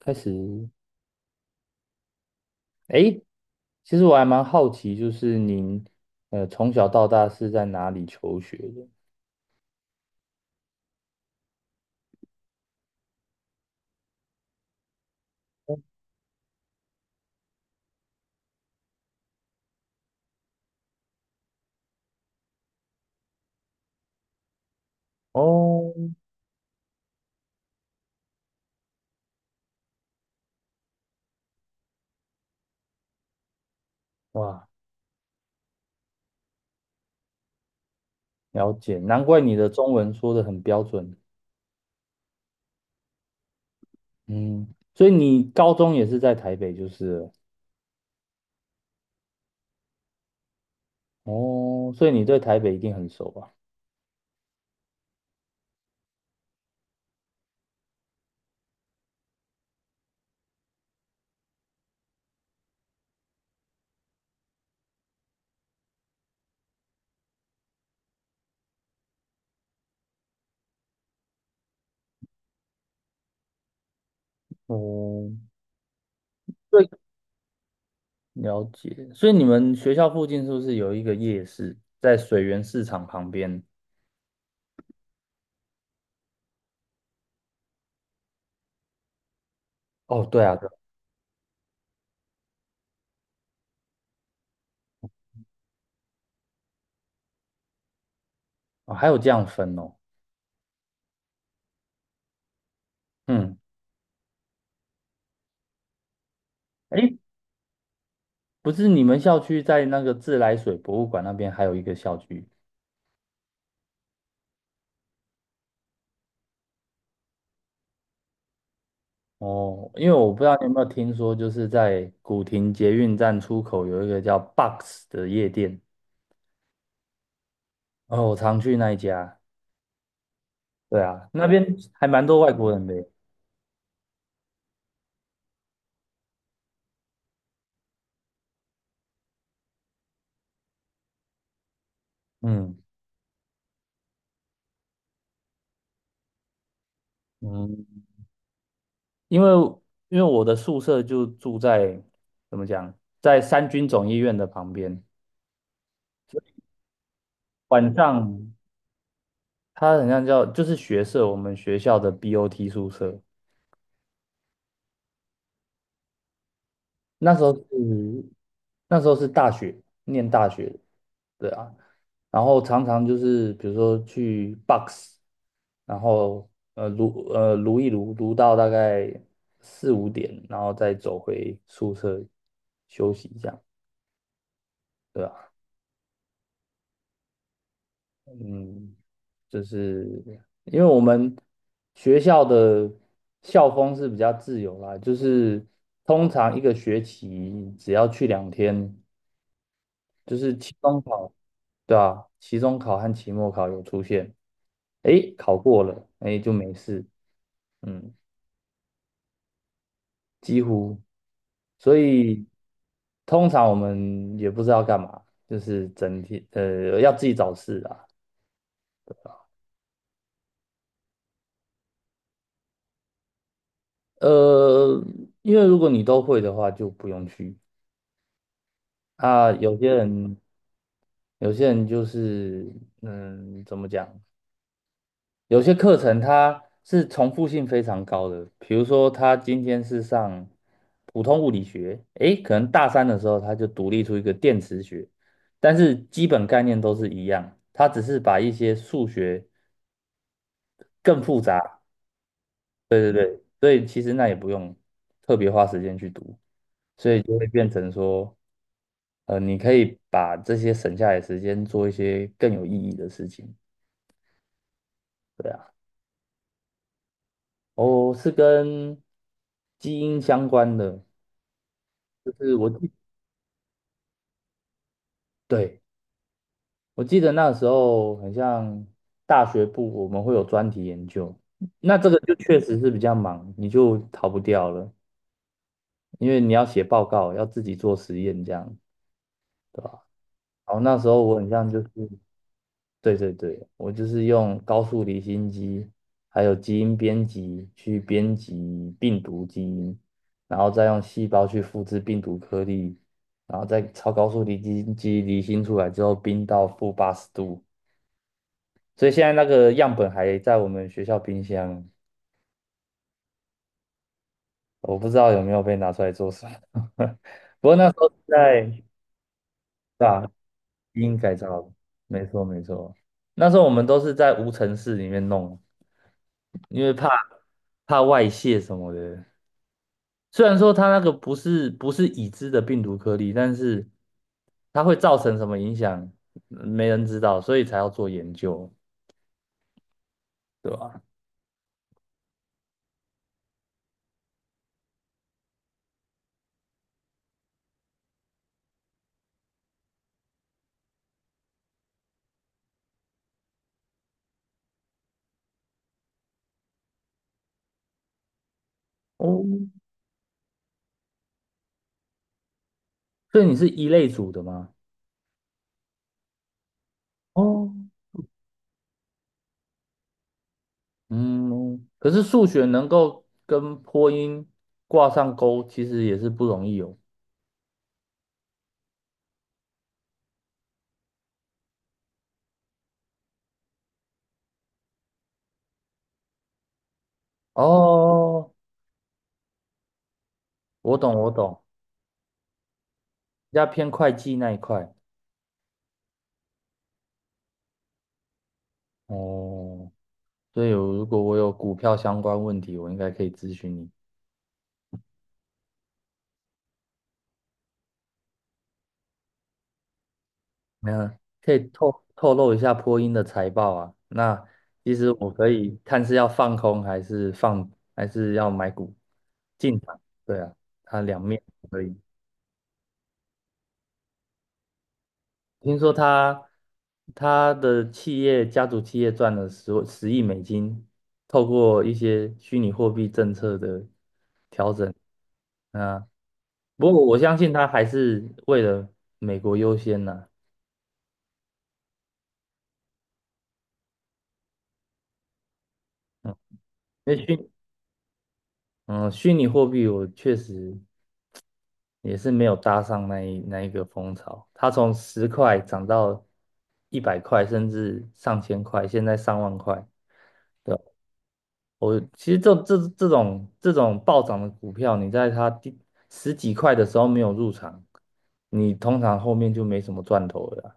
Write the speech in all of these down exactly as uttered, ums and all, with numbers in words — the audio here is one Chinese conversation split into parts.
开始，诶，其实我还蛮好奇，就是您呃从小到大是在哪里求学的？哦，哇，了解，难怪你的中文说的很标准。嗯，所以你高中也是在台北，就是了。哦，所以你对台北一定很熟吧？哦，对，了解。所以你们学校附近是不是有一个夜市，在水源市场旁边？哦，对啊，对啊，哦还有这样分哦。嗯。哎。不是你们校区在那个自来水博物馆那边还有一个校区。哦，因为我不知道你有没有听说，就是在古亭捷运站出口有一个叫 Box 的夜店，哦，我常去那一家。对啊，那边还蛮多外国人的耶。嗯嗯，因为因为我的宿舍就住在，怎么讲，在三军总医院的旁边，晚上它好像叫就是学舍，我们学校的 B O T 宿舍。那时候是那时候是大学，念大学的。对啊，然后常常就是比如说去 box，然后呃撸呃撸一撸，撸到大概四五点，然后再走回宿舍休息一下，对啊，嗯，就是因为我们学校的校风是比较自由啦，就是通常一个学期只要去两天。就是期中考，对啊，期中考和期末考有出现，诶，考过了，诶，就没事，嗯，几乎，所以通常我们也不知道干嘛，就是整体呃要自己找事啊，呃，因为如果你都会的话，就不用去。啊，有些人有些人就是，嗯，怎么讲？有些课程它是重复性非常高的，比如说他今天是上普通物理学，诶，可能大三的时候他就独立出一个电磁学，但是基本概念都是一样，他只是把一些数学更复杂，对对对，所以其实那也不用特别花时间去读，所以就会变成说，呃，你可以把这些省下来的时间做一些更有意义的事情，对啊，哦，是跟基因相关的。就是我记对，我记得那时候很像大学部，我们会有专题研究，那这个就确实是比较忙，你就逃不掉了，因为你要写报告，要自己做实验，这样，对吧？然后那时候我很像就是，对对对，我就是用高速离心机，还有基因编辑去编辑病毒基因，然后再用细胞去复制病毒颗粒，然后再超高速离心机离心出来之后，冰到负八十度。所以现在那个样本还在我们学校冰箱，我不知道有没有被拿出来做什么。不过那时候是在基因改造的，没错没错。那时候我们都是在无尘室里面弄，因为怕怕外泄什么的。虽然说它那个不是不是已知的病毒颗粒，但是它会造成什么影响，没人知道，所以才要做研究，对吧？哦，所以你是一类组的吗？哦，嗯，可是数学能够跟播音挂上钩，其实也是不容易哦。哦，我懂，我懂，比较偏会计那一块。哦，所以我如果我有股票相关问题，我应该可以咨询你。没有，可以透透露一下波音的财报啊？那其实我可以看是要放空还是放，还是要买股进场。对啊，它两面可以。听说他他的企业家族企业赚了十十亿美金，透过一些虚拟货币政策的调整，啊，不过我相信他还是为了美国优先呐、嗯，因为虚嗯虚拟货币我确实也是没有搭上那一那一个风潮，它从十块涨到一百块，甚至上千块，现在上万块。对，我其实这这这种这种暴涨的股票，你在它第十几块的时候没有入场，你通常后面就没什么赚头了啦。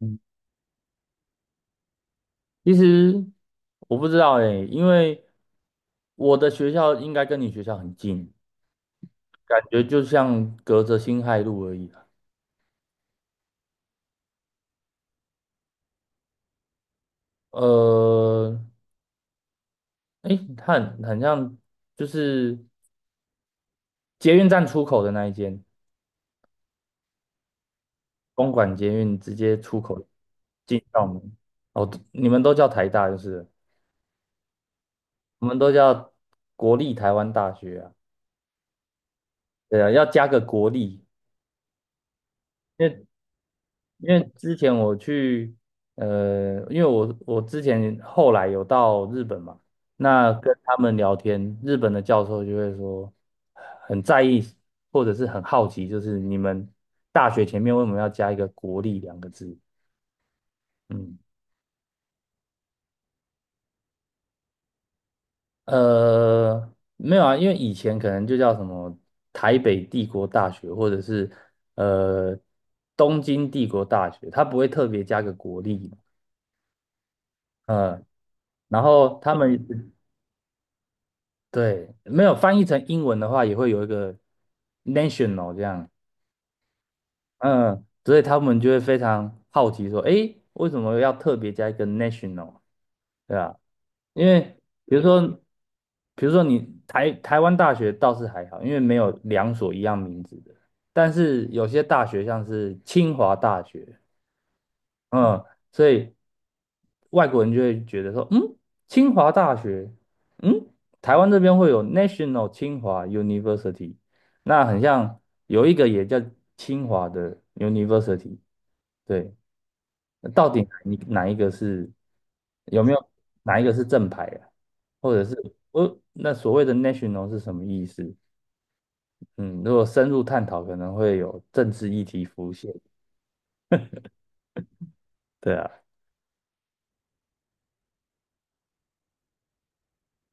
嗯，其实我不知道诶，因为我的学校应该跟你学校很近，感觉就像隔着辛亥路而已啦。呃，诶，它很很像就是捷运站出口的那一间，公馆捷运直接出口进校门。哦，你们都叫台大就是了。我们都叫国立台湾大学啊，对啊，要加个国立，因为因为之前我去，呃，因为我我之前后来有到日本嘛，那跟他们聊天，日本的教授就会说很在意或者是很好奇，就是你们大学前面为什么要加一个国立两个字？嗯。呃，没有啊，因为以前可能就叫什么台北帝国大学，或者是呃东京帝国大学，它不会特别加个国立嘛。嗯，然后他们对没有翻译成英文的话，也会有一个 national 这样，嗯，所以他们就会非常好奇说，诶，为什么要特别加一个 national？对啊，因为比如说，比如说你台台湾大学倒是还好，因为没有两所一样名字的，但是有些大学像是清华大学，嗯，所以外国人就会觉得说，嗯，清华大学，嗯，台湾这边会有 National 清华 University，那很像有一个也叫清华的 University，对，到底你哪一个是，有没有哪一个是正牌啊？或者是我那所谓的 national 是什么意思？嗯，如果深入探讨，可能会有政治议题浮现。对啊，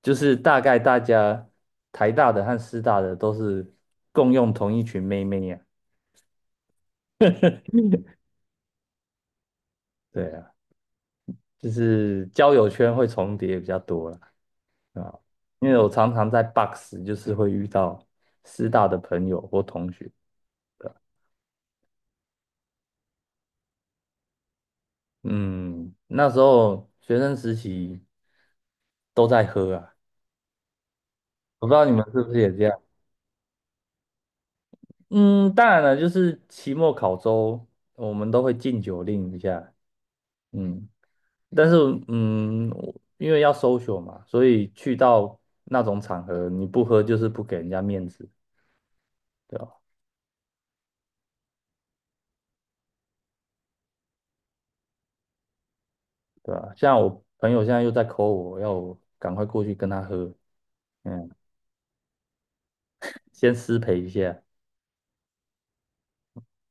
就是大概大家台大的和师大的都是共用同一群妹妹呀、对啊，就是交友圈会重叠比较多了啊，因为我常常在 Box 就是会遇到师大的朋友或同学。嗯，那时候学生时期都在喝啊，我不知道你们是不是也这样。嗯，当然了，就是期末考周，我们都会禁酒令一下。嗯，但是嗯，我因为要 social 嘛，所以去到那种场合，你不喝就是不给人家面子，对吧？对吧？像我朋友现在又在 call 我，要我赶快过去跟他喝，嗯，先失陪一下。